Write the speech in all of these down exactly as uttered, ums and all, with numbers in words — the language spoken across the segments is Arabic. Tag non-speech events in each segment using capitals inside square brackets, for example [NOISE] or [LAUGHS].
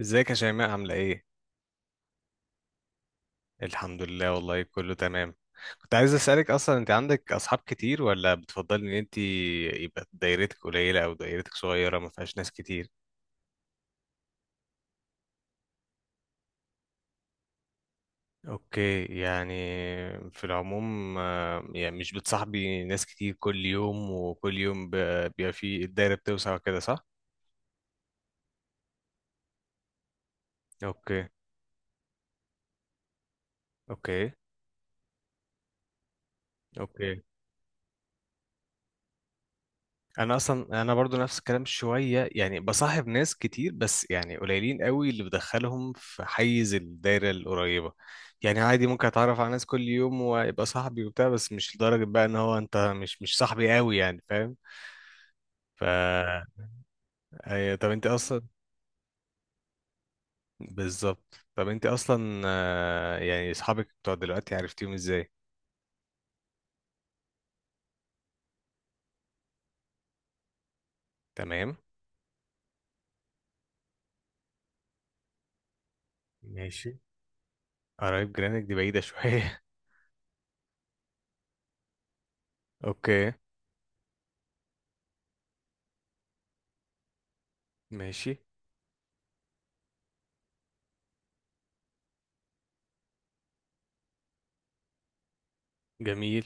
ازيك يا شيماء عاملة ايه؟ الحمد لله، والله كله تمام. كنت عايز اسألك، اصلا انت عندك اصحاب كتير، ولا بتفضلي ان انت يبقى دايرتك قليلة او دايرتك صغيرة ما فيهاش ناس كتير؟ اوكي يعني، في العموم آه، يعني مش بتصاحبي ناس كتير كل يوم، وكل يوم ب- بيبقى في الدايرة بتوسع وكده، صح؟ اوكي، اوكي، اوكي، انا اصلا انا برضو نفس الكلام شويه، يعني بصاحب ناس كتير بس يعني قليلين قوي اللي بدخلهم في حيز الدايره القريبه. يعني عادي ممكن اتعرف على ناس كل يوم ويبقى صاحبي وبتاع، بس مش لدرجه بقى ان هو انت مش مش صاحبي قوي، يعني فاهم. ف أيوة، طب انت اصلا بالظبط، طب انت اصلا آه، يعني اصحابك بتوع دلوقتي عرفتيهم ازاي؟ تمام. ماشي. قرايب جيرانك دي بعيده شويه. [LAUGHS] اوكي. ماشي. جميل.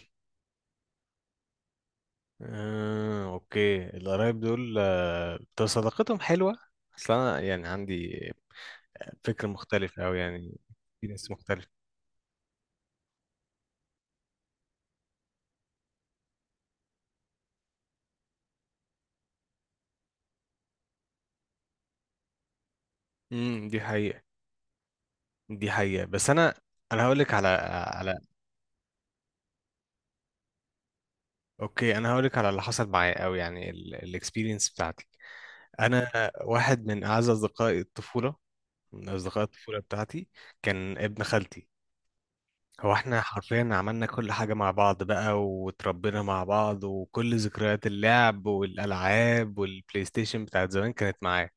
آه، اوكي، القرايب دول، آه، طب صداقتهم حلوة، اصل انا يعني عندي فكر مختلف اوي يعني، في ناس مختلفة. امم، دي حقيقة. دي حقيقة، بس انا انا هقول لك على على اوكي، انا هقول لك على اللي حصل معايا، او يعني الاكسبيرينس بتاعتي. انا واحد من اعز اصدقائي الطفولة، من اصدقاء الطفولة بتاعتي، كان ابن خالتي. هو احنا حرفيا عملنا كل حاجة مع بعض بقى، وتربينا مع بعض، وكل ذكريات اللعب والألعاب والبلاي ستيشن بتاعت زمان كانت معاه.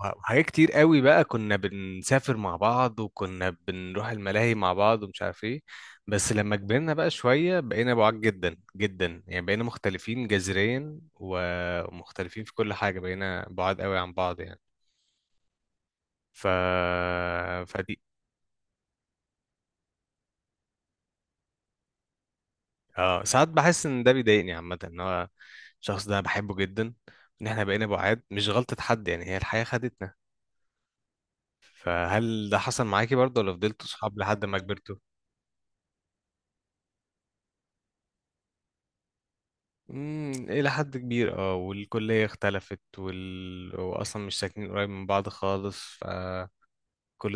وه- وحاجات كتير قوي بقى، كنا بنسافر مع بعض، وكنا بنروح الملاهي مع بعض، ومش عارف ايه. بس لما كبرنا بقى شوية بقينا بعاد جدا جدا، يعني بقينا مختلفين جذريا و- ومختلفين في كل حاجة، بقينا بعاد قوي عن بعض يعني. ف... فدي، اه ساعات بحس ان ده بيضايقني عامة، ان هو الشخص ده بحبه جدا، ان احنا بقينا بعاد مش غلطة حد، يعني هي الحياة خدتنا. فهل ده حصل معاكي برضه، ولا فضلتوا صحاب لحد ما كبرتوا؟ امم، الى حد كبير اه، والكلية اختلفت، وال... واصلا مش ساكنين قريب من بعض خالص، فكل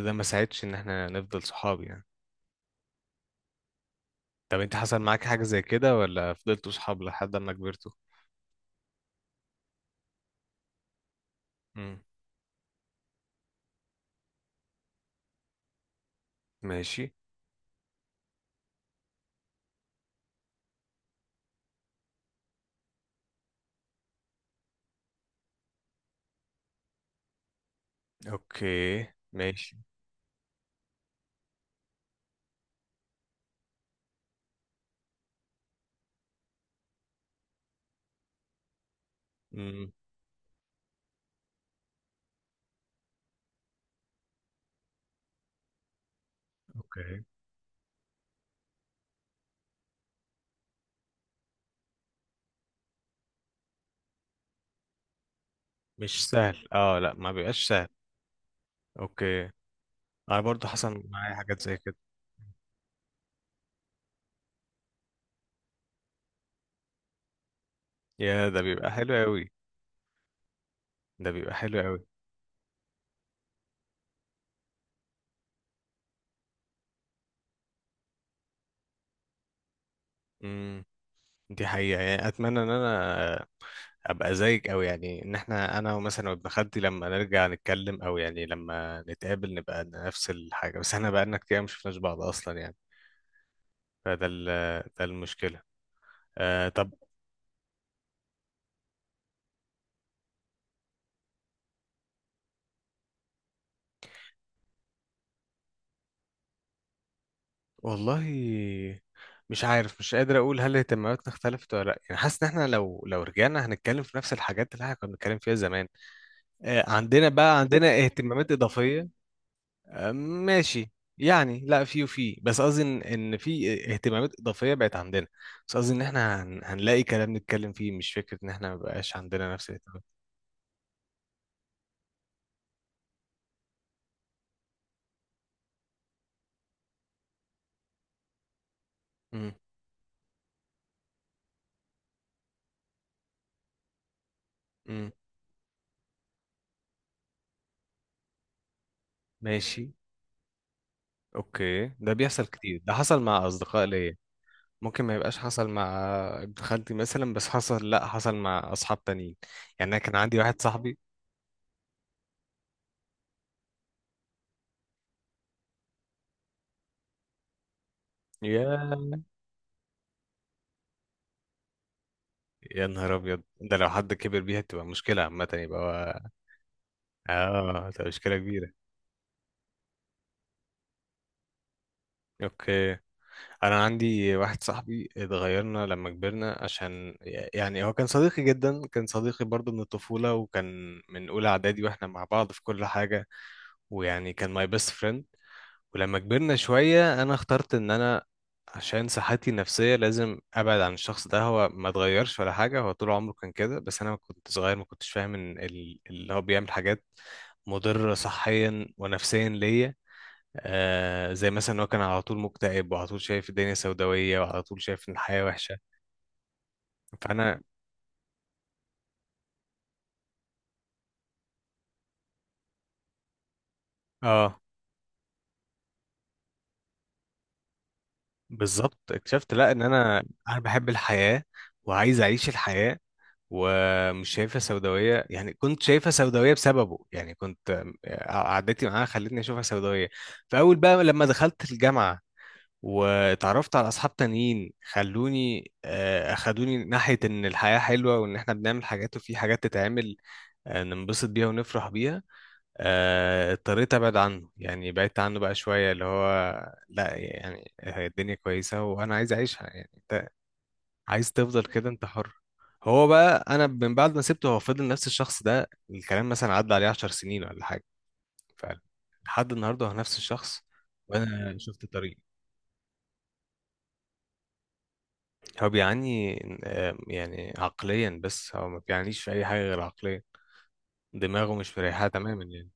ده ما ساعدش ان احنا نفضل صحاب يعني. طب انت حصل معاك حاجة زي كده، ولا فضلتوا صحاب لحد ما كبرتوا؟ امم. ماشي. اوكي. ماشي. امم. اوكي. مش سهل، اه لا ما بيبقاش سهل. اوكي، انا برضو حصل معايا حاجات زي كده. يا، ده بيبقى حلو قوي. ده بيبقى حلو قوي. امم، دي حقيقة، يعني اتمنى ان انا ابقى زيك، او يعني ان احنا، انا مثلا وابن خالتي لما نرجع نتكلم، او يعني لما نتقابل نبقى نفس الحاجة، بس احنا بقالنا كتير ما شفناش بعض اصلا يعني. فده ال- ده المشكلة. آه طب، والله مش عارف، مش قادر اقول هل اهتماماتنا اختلفت ولا لا، يعني حاسس ان احنا لو لو رجعنا هنتكلم في نفس الحاجات اللي احنا كنا بنتكلم فيها زمان. آه، عندنا بقى عندنا اهتمامات اضافيه. آه، ماشي. يعني لا، في وفي، بس قصدي ان إن في اهتمامات اضافيه بقت عندنا. بس قصدي ان احنا هن- هنلاقي كلام نتكلم فيه، مش فكره ان احنا ما بقاش عندنا نفس الاهتمامات. امم. امم. ماشي. اوكي، ده بيحصل كتير، ده حصل مع اصدقاء ليا. ممكن ما يبقاش حصل مع ابن خالتي مثلا، بس حصل، لا حصل مع اصحاب تانيين. يعني انا كان عندي واحد صاحبي. يا يا نهار ابيض، ده لو حد كبر بيها تبقى مشكله عامه، يبقى هو- اه، تبقى مشكله كبيره. اوكي، انا عندي واحد صاحبي اتغيرنا لما كبرنا عشان، يعني هو كان صديقي جدا، كان صديقي برضه من الطفوله، وكان من اولى اعدادي واحنا مع بعض في كل حاجه، ويعني كان ماي بيست friend. ولما كبرنا شوية أنا اخترت إن أنا عشان صحتي النفسية لازم أبعد عن الشخص ده. هو ما اتغيرش ولا حاجة، هو طول عمره كان كده، بس أنا كنت صغير ما كنتش فاهم إن ال- اللي هو بيعمل حاجات مضرة صحيا ونفسيا ليا. آه زي مثلا هو كان على طول مكتئب، وعلى طول شايف الدنيا سوداوية، وعلى طول شايف إن الحياة وحشة. فأنا آه بالظبط، اكتشفت لا إن أنا أنا بحب الحياة، وعايز أعيش الحياة، ومش شايفها سوداوية، يعني كنت شايفها سوداوية بسببه، يعني كنت آم، قعدتي معاها خلتني أشوفها سوداوية. فأول بقى لما دخلت الجامعة، واتعرفت على أصحاب تانيين خلوني، آه، أخدوني ناحية إن الحياة حلوة، وإن إحنا بنعمل حاجات، وفي حاجات تتعمل آه، ننبسط بيها ونفرح بيها. آه، اضطريت أبعد عنه، يعني بعدت عنه بقى شوية، اللي هو لا، يعني هي الدنيا كويسة وأنا عايز أعيشها يعني. عايز تفضل كده انت حر. هو بقى انا من بعد ما سبته هو فضل نفس الشخص ده، الكلام مثلا عدى عليه 10 سنين ولا حاجه. فعلا، لحد النهارده هو نفس الشخص. وانا شفت طريق. هو بيعاني آه، يعني عقليا، بس هو ما بيعانيش في اي حاجه غير عقليا، دماغه مش مريحه تماما يعني.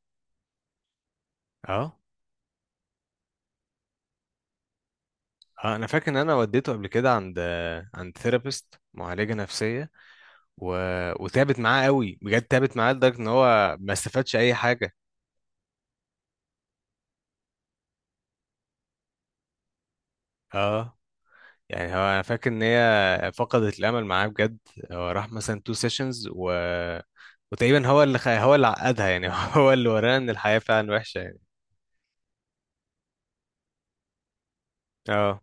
اه. اه. انا فاكر ان انا وديته قبل كده عند، آه، عند ثيرابيست، معالجه نفسيه و... وتعبت معاه قوي بجد، تعبت معاه لدرجه ان هو ما استفادش اي حاجه. اه، يعني هو انا فاكر ان هي فقدت الامل معاه بجد. هو راح مثلا تو سيشنز و وتقريبا هو اللي خ... هو اللي عقدها يعني. [LAUGHS] هو اللي ورانا ان الحياة فعلا وحشة يعني. اه.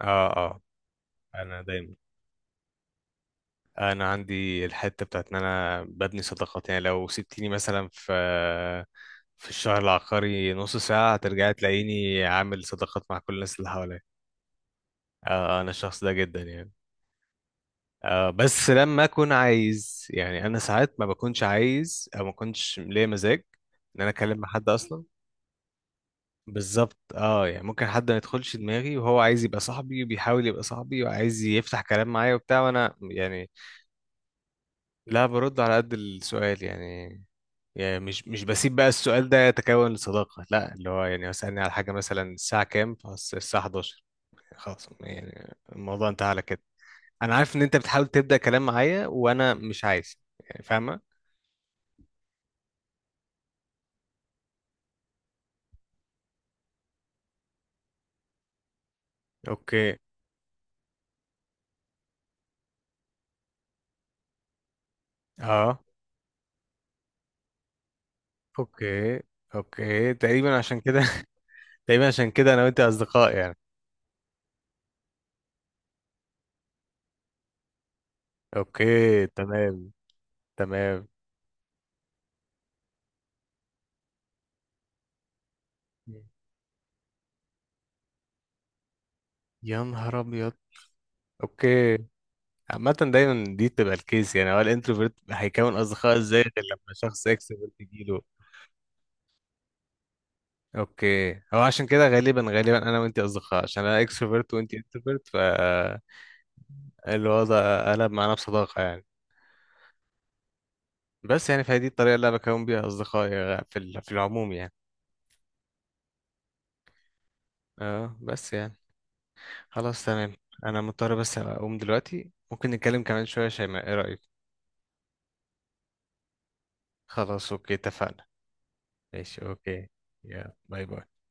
اه. اه، انا دايما، انا عندي الحتة بتاعت ان انا ببني صداقات، يعني لو سبتيني مثلا في في الشهر العقاري نص ساعة هترجعي تلاقيني عامل صداقات مع كل الناس اللي حواليا. اه. آه، انا الشخص ده جدا يعني. آه بس لما اكون عايز، يعني انا ساعات ما بكونش عايز، او ما كنتش ليا مزاج ان انا اكلم مع حد اصلا. بالظبط، اه يعني ممكن حد ما يدخلش دماغي وهو عايز يبقى صاحبي، وبيحاول يبقى صاحبي، وعايز يفتح كلام معايا وبتاع، وانا يعني لا برد على قد السؤال يعني. يعني مش مش بسيب بقى السؤال ده يتكون لصداقة، لا اللي هو يعني اسألني على حاجة مثلا الساعة كام، فس- الساعة احد عشر، خلاص، يعني الموضوع انتهى على كده. انا عارف ان انت بتحاول تبدأ كلام معايا، وانا مش عايز، يعني فاهمة. اوكي. اه. اوكي. اوكي تقريبا عشان كده. [LAUGHS] تقريبا عشان كده انا وانت اصدقاء يعني. اوكي. تمام. تمام. يا نهار ابيض. اوكي. عامة دايما دي بتبقى الكيس، يعني هو الانتروفيرت هيكون اصدقاء ازاي غير لما شخص اكستروفيرت يجيله؟ اوكي، هو عشان كده غالبا غالبا انا وانت اصدقاء، عشان انا اكستروفيرت وانت انتروفيرت، فالوضع قلب معانا بصداقة يعني. بس يعني، فهي دي الطريقة اللي انا بكون بيها اصدقائي، غ- في ال- في العموم يعني. اه بس يعني، خلاص تمام. انا مضطر بس اقوم دلوقتي، ممكن نتكلم كمان شوية يا شيماء، ايه رأيك؟ خلاص اوكي، اتفقنا. ماشي اوكي، يا باي باي.